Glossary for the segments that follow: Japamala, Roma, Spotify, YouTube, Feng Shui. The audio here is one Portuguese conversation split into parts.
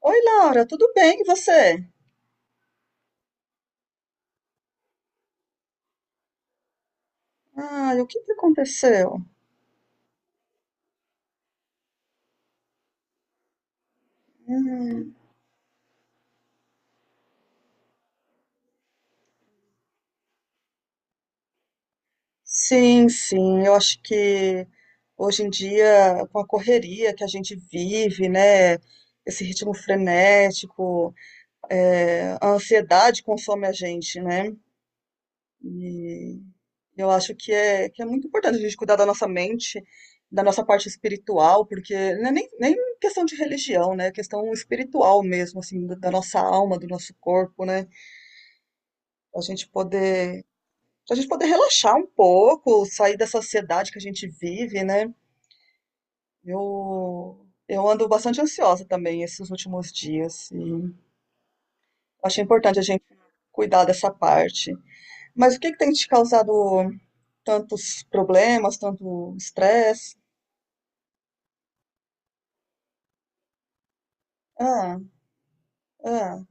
Oi, Laura, tudo bem? E você? Ah, o que que aconteceu? Hum, sim, sim, eu acho que hoje em dia, com a correria que a gente vive, né? Esse ritmo frenético, é, a ansiedade consome a gente, né? E eu acho que é muito importante a gente cuidar da nossa mente, da nossa parte espiritual, porque não é nem questão de religião, né? É questão espiritual mesmo, assim, da nossa alma, do nosso corpo, né? Pra gente poder, pra gente poder relaxar um pouco, sair da sociedade que a gente vive, né? Eu ando bastante ansiosa também esses últimos dias. E achei importante a gente cuidar dessa parte. Mas o que que tem te causado tantos problemas, tanto estresse? Ah, ah,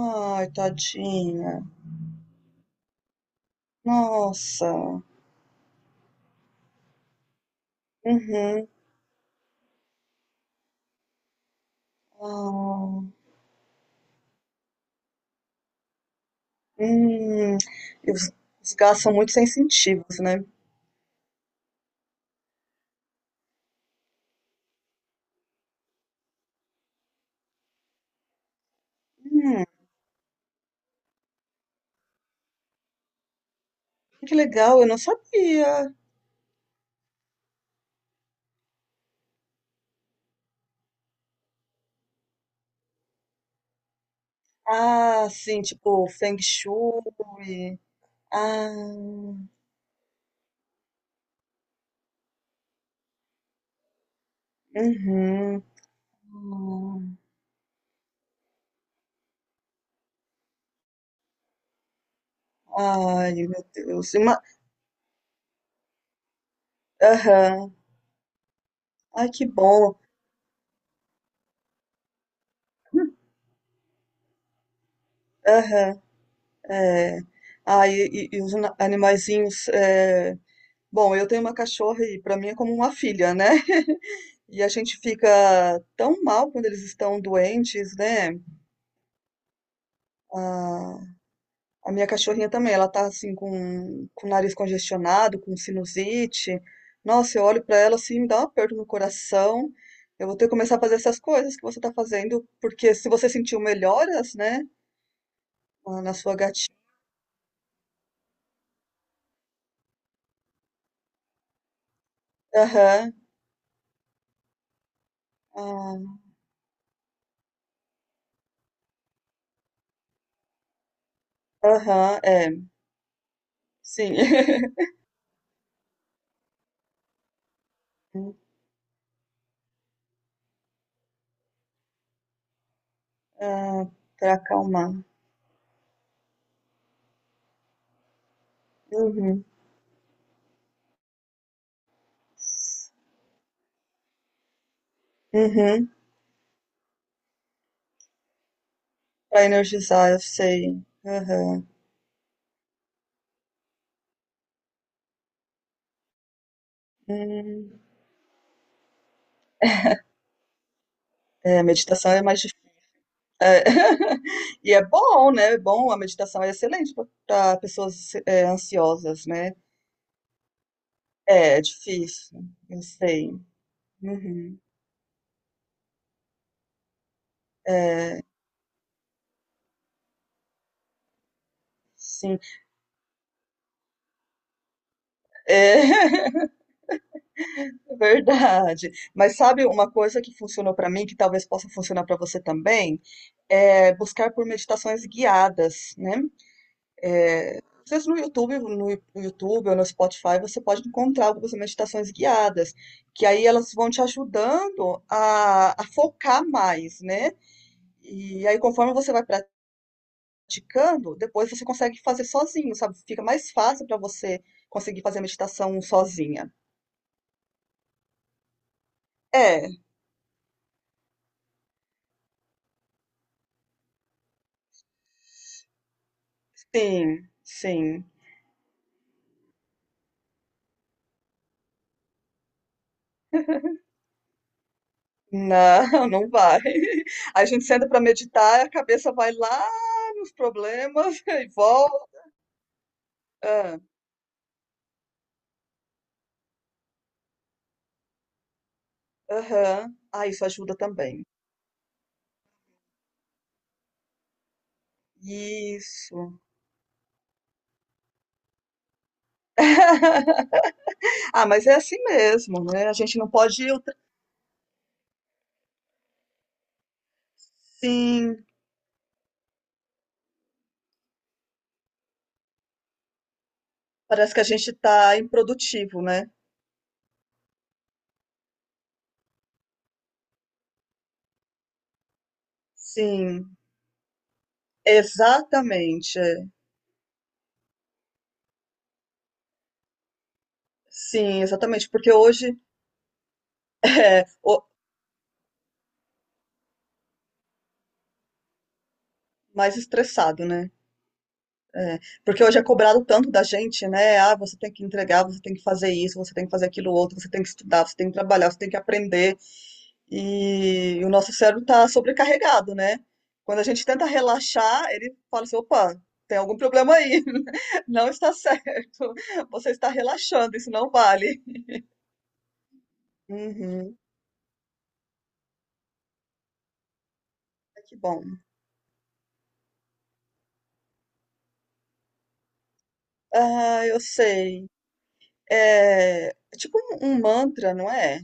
ai, tadinha. Nossa. Uhum. Ah, hum. E os gás são muito sensitivos, né? Hum, Que legal, eu não sabia. Ah, sim, tipo Feng Shui. Ah, uhum. Hum. Ai, meu Deus. Aham. Ai, que bom. Aham, é. Ah, e os animaizinhos. Bom, eu tenho uma cachorra e para mim é como uma filha, né? E a gente fica tão mal quando eles estão doentes, né? Ah, a minha cachorrinha também, ela tá assim com o nariz congestionado, com sinusite. Nossa, eu olho pra ela assim, me dá um aperto no coração. Eu vou ter que começar a fazer essas coisas que você tá fazendo, porque se você sentiu melhoras, né, na na sua gatinha. Aham, ah, aham, é, sim. Ah, pra acalmar. Uhum, uhum. Pra energizar, eu sei. Aham. Hum. É, a meditação é mais. É, e é bom, né? É bom, a meditação é excelente para pessoas é, ansiosas, né? É, é difícil, eu sei. Uhum. É, sim, é, verdade. Mas sabe uma coisa que funcionou para mim, que talvez possa funcionar para você também, é buscar por meditações guiadas, né? Às vezes no YouTube, no YouTube ou no Spotify, você pode encontrar algumas meditações guiadas, que aí elas vão te ajudando a focar mais, né? E aí, conforme você vai praticando, depois você consegue fazer sozinho, sabe? Fica mais fácil para você conseguir fazer a meditação sozinha. É, sim, sim. Não, não vai. A gente senta para meditar, a cabeça vai lá nos problemas e volta. Ah, aham. Ah, isso ajuda também. Isso. Ah, mas é assim mesmo, né? A gente não pode. Sim, parece que a gente tá improdutivo, né? Sim. Exatamente, é. Sim, exatamente, porque hoje é o mais estressado, né? É, porque hoje é cobrado tanto da gente, né? Ah, você tem que entregar, você tem que fazer isso, você tem que fazer aquilo outro, você tem que estudar, você tem que trabalhar, você tem que aprender. E o nosso cérebro está sobrecarregado, né? Quando a gente tenta relaxar, ele fala assim: opa, tem algum problema aí, não está certo, você está relaxando, isso não vale. Uhum, que bom. Ah, eu sei. É, é tipo um mantra, não é?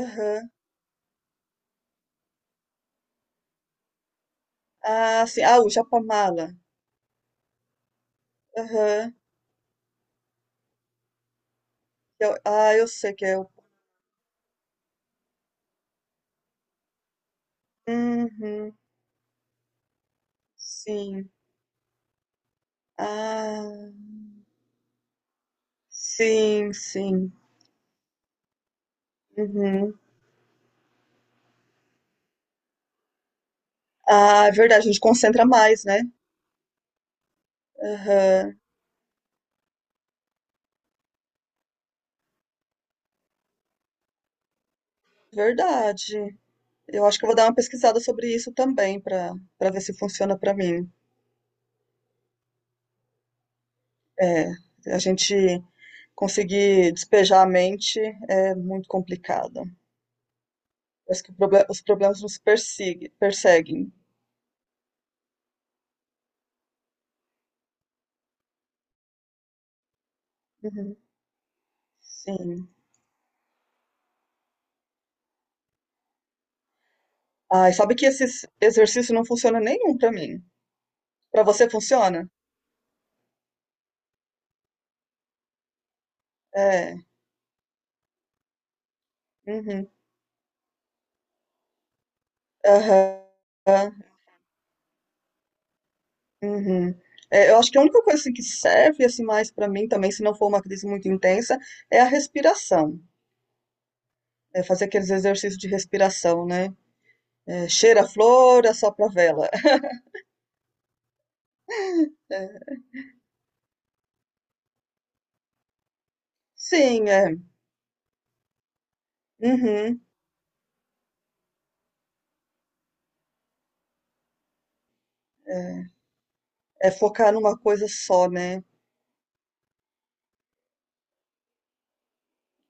Aham. Ah, sim. Ah, o Japamala. Aham. Eu- ah, eu sei que é o. Uhum. Sim. Ah, sim, sim. Uhum. Ah, é verdade, a gente concentra mais, né? Aham. Verdade. Eu acho que eu vou dar uma pesquisada sobre isso também, para ver se funciona para mim. É, a gente conseguir despejar a mente é muito complicado. Parece que os problemas nos perseguem. Uhum. Sim. Ai, sabe que esse exercício não funciona nenhum pra mim. Pra você funciona? É. Uhum. Aham. Uhum. É, eu acho que a única coisa assim, que serve assim mais pra mim também, se não for uma crise muito intensa, é a respiração. É fazer aqueles exercícios de respiração, né? É, cheira a flor, assopra a vela. É, sim, é. Uhum. É focar numa coisa só, né?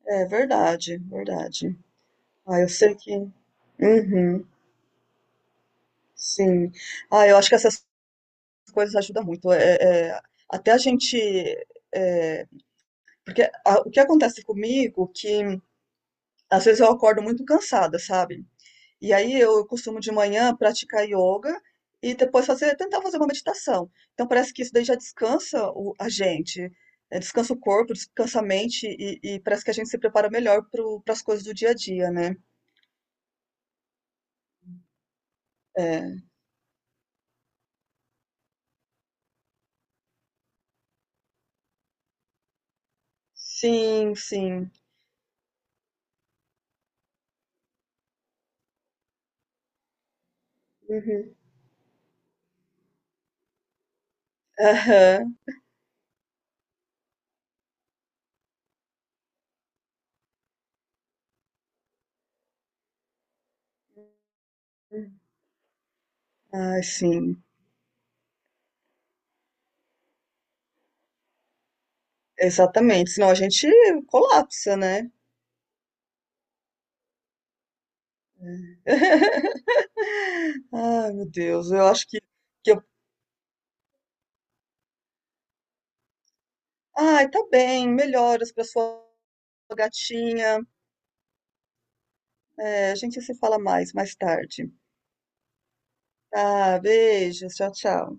É verdade, verdade. Ah, eu sei que. Uhum, sim. Ah, eu acho que essas coisas ajudam muito. É, é, até a gente. É, porque o que acontece comigo, é que às vezes eu acordo muito cansada, sabe? E aí eu costumo de manhã praticar yoga e depois fazer, tentar fazer uma meditação. Então parece que isso daí já descansa a gente, é, descansa o corpo, descansa a mente e parece que a gente se prepara melhor para as coisas do dia a dia, né? É. Sim, sim. Uhum. Aham. Ai, sim, exatamente. Senão a gente colapsa, né? Ai, meu Deus, eu acho que eu. Ai, tá bem, melhoras pra sua gatinha. É, a gente se fala mais, mais tarde. Tá, beijos, tchau, tchau.